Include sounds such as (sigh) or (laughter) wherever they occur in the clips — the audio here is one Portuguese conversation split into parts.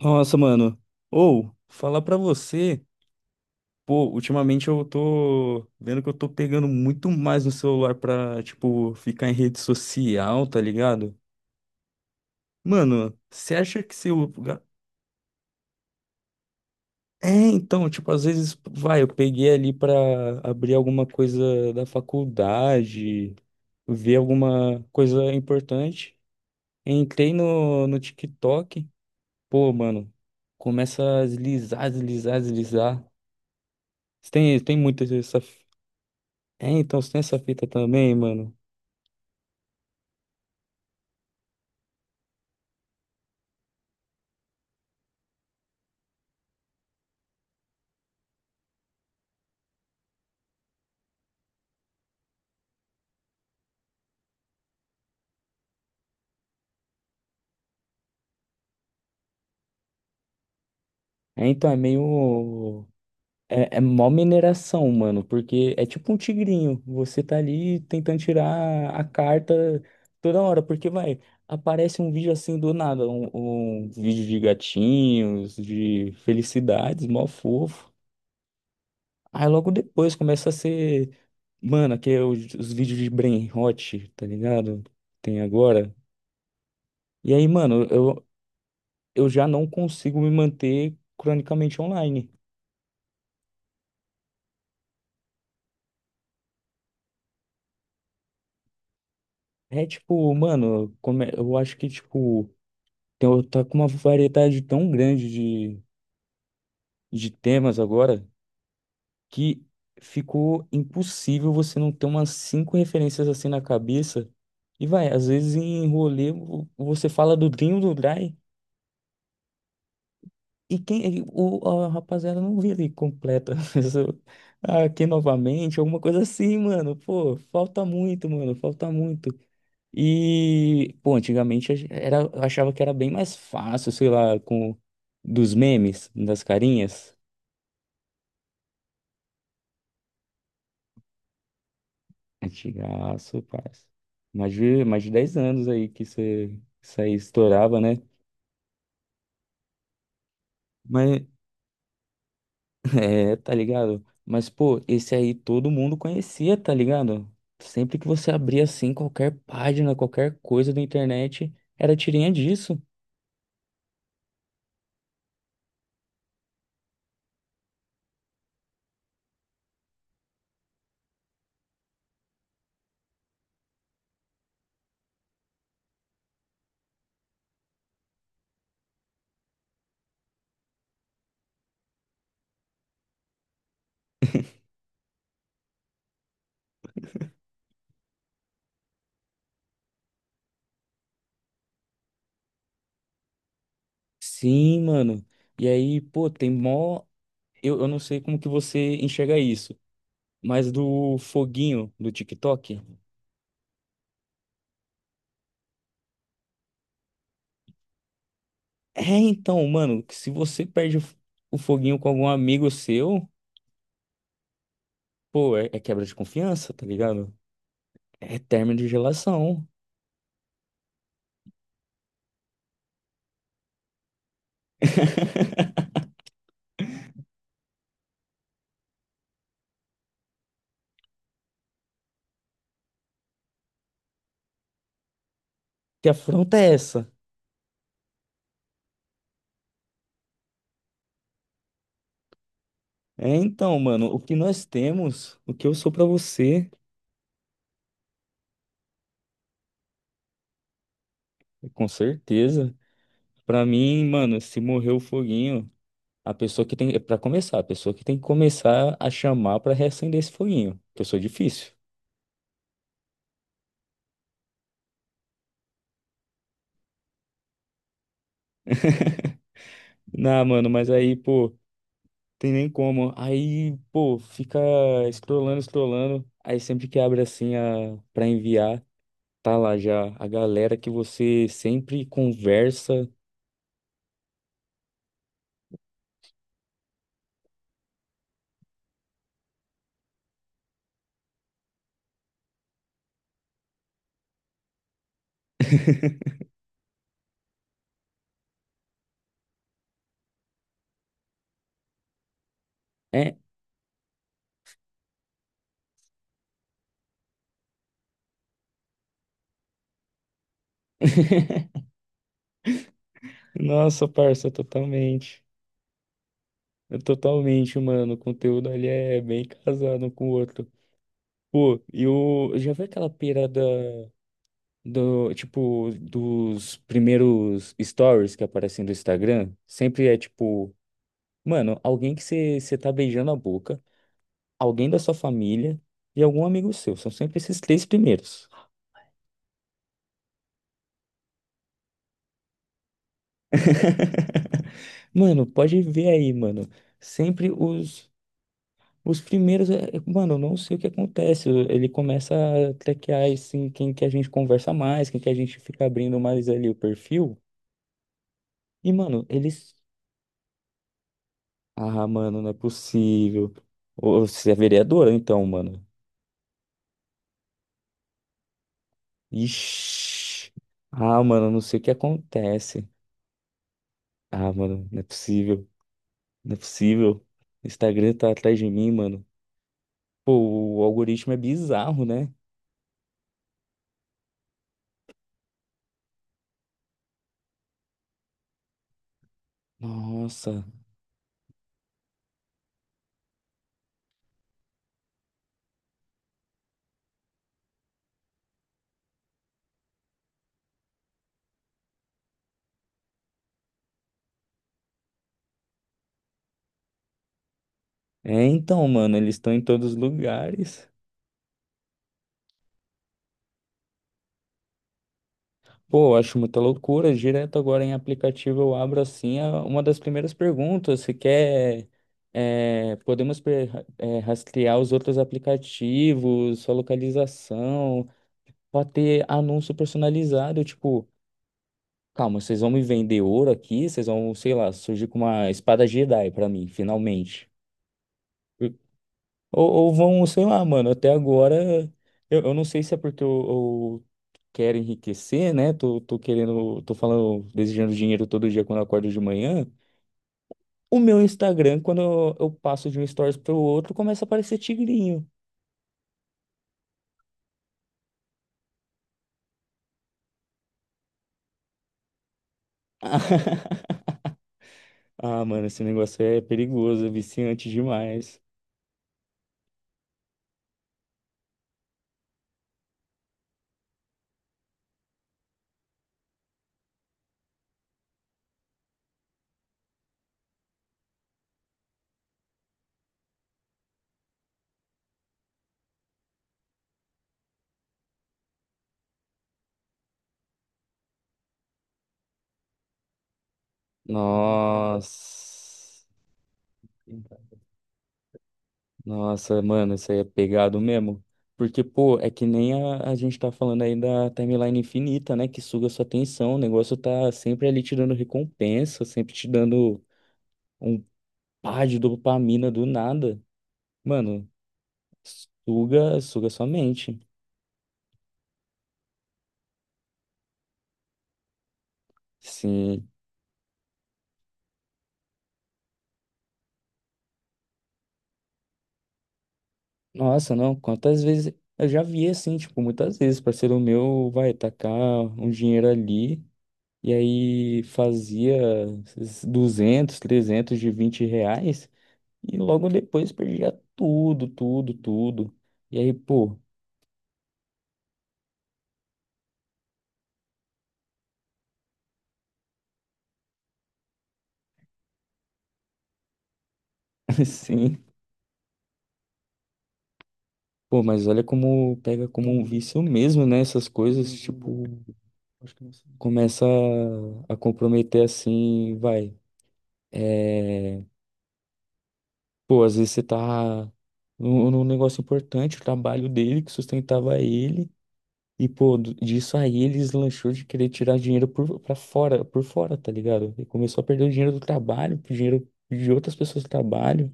Nossa, mano. Ou, falar pra você, pô, ultimamente eu tô vendo que eu tô pegando muito mais no celular pra, tipo, ficar em rede social, tá ligado? Mano, você acha que se eu. É, então, tipo, às vezes, vai, eu peguei ali pra abrir alguma coisa da faculdade, ver alguma coisa importante. Entrei no TikTok, pô, mano, começa a deslizar, deslizar, deslizar. Tem muito essa. É, então você tem essa fita também, mano. É, então é meio. É, é mó mineração, mano, porque é tipo um tigrinho. Você tá ali tentando tirar a carta toda hora, porque vai, aparece um vídeo assim do nada, um vídeo de gatinhos, de felicidades, mó fofo. Aí logo depois começa a ser, mano, aqui é os vídeos de Brain Rot, tá ligado? Tem agora. E aí, mano, eu já não consigo me manter cronicamente online. É tipo, mano, eu acho que, tipo, tem, tá com uma variedade tão grande de temas agora que ficou impossível você não ter umas cinco referências assim na cabeça. E vai, às vezes em rolê você fala do Dinho do Dry e quem, a rapaziada não vira e completa. (laughs) Aqui novamente, alguma coisa assim, mano. Pô, falta muito, mano, falta muito. E, pô, antigamente a era, eu achava que era bem mais fácil, sei lá, com dos memes, das carinhas. Antigaço, parça. Mais de 10 anos aí que você, isso aí estourava, né? Mas, (laughs) é, tá ligado? Mas, pô, esse aí todo mundo conhecia, tá ligado? Sempre que você abria assim, qualquer página, qualquer coisa da internet, era tirinha disso. Sim, mano. E aí, pô, tem mó. Eu não sei como que você enxerga isso. Mas do foguinho do TikTok? É, então, mano, que se você o foguinho com algum amigo seu, pô, é quebra de confiança, tá ligado? É término de relação. (laughs) Que afronta é essa? É, então, mano, o que nós temos, o que eu sou pra você, com certeza. Pra mim, mano, se morrer o foguinho, a pessoa que tem que começar a chamar pra reacender esse foguinho, que eu sou difícil. Não, mano, mas aí, pô. Tem nem como. Aí, pô, fica scrollando, scrollando. Aí sempre que abre assim a para enviar, tá lá já a galera que você sempre conversa. É. (laughs) Nossa, parça, totalmente. É. Totalmente, mano. O conteúdo ali é bem casado um com o outro. Pô, e o já vi aquela pirada do, tipo, dos primeiros stories que aparecem do Instagram? Sempre é tipo, mano, alguém que você tá beijando a boca, alguém da sua família e algum amigo seu. São sempre esses três primeiros. (laughs) Mano, pode ver aí, mano. Sempre os primeiros. Mano, eu não sei o que acontece. Ele começa a traquear assim, quem que a gente conversa mais, quem que a gente fica abrindo mais ali o perfil. E, mano, eles. Ah, mano, não é possível. Ô, você é vereadora, então, mano. Ixi. Ah, mano, não sei o que acontece. Ah, mano, não é possível. Não é possível. O Instagram tá atrás de mim, mano. Pô, o algoritmo é bizarro, né? Nossa. É então, mano, eles estão em todos os lugares. Pô, eu acho muita loucura. Direto agora em aplicativo eu abro assim uma das primeiras perguntas. Se quer. é, podemos pre- é, rastrear os outros aplicativos, sua localização, pode ter anúncio personalizado, tipo. Calma, vocês vão me vender ouro aqui? Vocês vão, sei lá, surgir com uma espada Jedi pra mim, finalmente. Ou vão, sei lá, mano, até agora, eu não sei se é porque eu quero enriquecer, né? Tô querendo, tô falando, desejando dinheiro todo dia quando eu acordo de manhã. O meu Instagram, quando eu passo de um stories pro outro, começa a aparecer tigrinho. (laughs) Ah, mano, esse negócio é perigoso, é viciante demais. Nossa. Nossa, mano, isso aí é pegado mesmo. Porque, pô, é que nem a gente tá falando aí da timeline infinita, né? Que suga sua atenção. O negócio tá sempre ali te dando recompensa, sempre te dando um pá de dopamina do nada. Mano, suga, suga sua mente. Sim. Nossa, não, quantas vezes. Eu já vi assim, tipo, muitas vezes, parceiro meu vai tacar um dinheiro ali. E aí fazia esses 200, 300 de 20 reais. E logo depois perdia tudo, tudo, tudo. E aí, pô, (laughs) assim, pô, mas olha como pega como um vício mesmo, né? Essas coisas, tipo, começa a comprometer assim, vai. É, pô, às vezes você tá num negócio importante, o trabalho dele que sustentava ele. E, pô, disso aí ele deslanchou de querer tirar dinheiro pra fora, por fora, tá ligado? Ele começou a perder o dinheiro do trabalho, o dinheiro de outras pessoas do trabalho.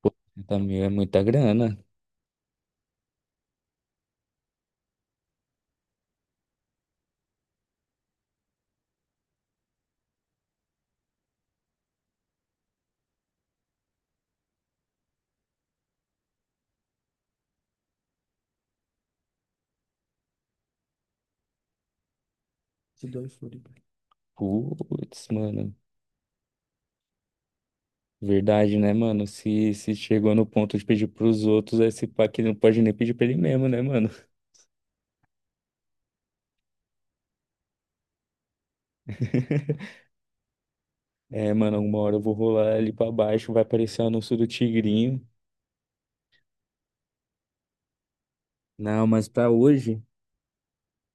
Pô, 80 mil é muita grana. Se dói Floripa. Putz, mano. Verdade, né, mano? Se chegou no ponto de pedir pros outros, esse pá não pode nem pedir pra ele mesmo, né, mano? (laughs) É, mano, uma hora eu vou rolar ali pra baixo, vai aparecer o anúncio do Tigrinho. Não, mas pra hoje,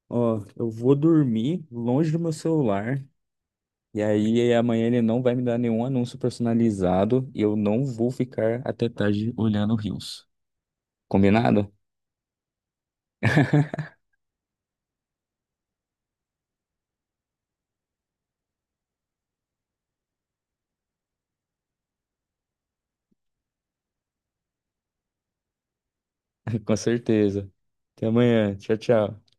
ó, eu vou dormir longe do meu celular. E aí amanhã ele não vai me dar nenhum anúncio personalizado e eu não vou ficar até tarde olhando Reels. Combinado? (laughs) Com certeza. Até amanhã. Tchau, tchau.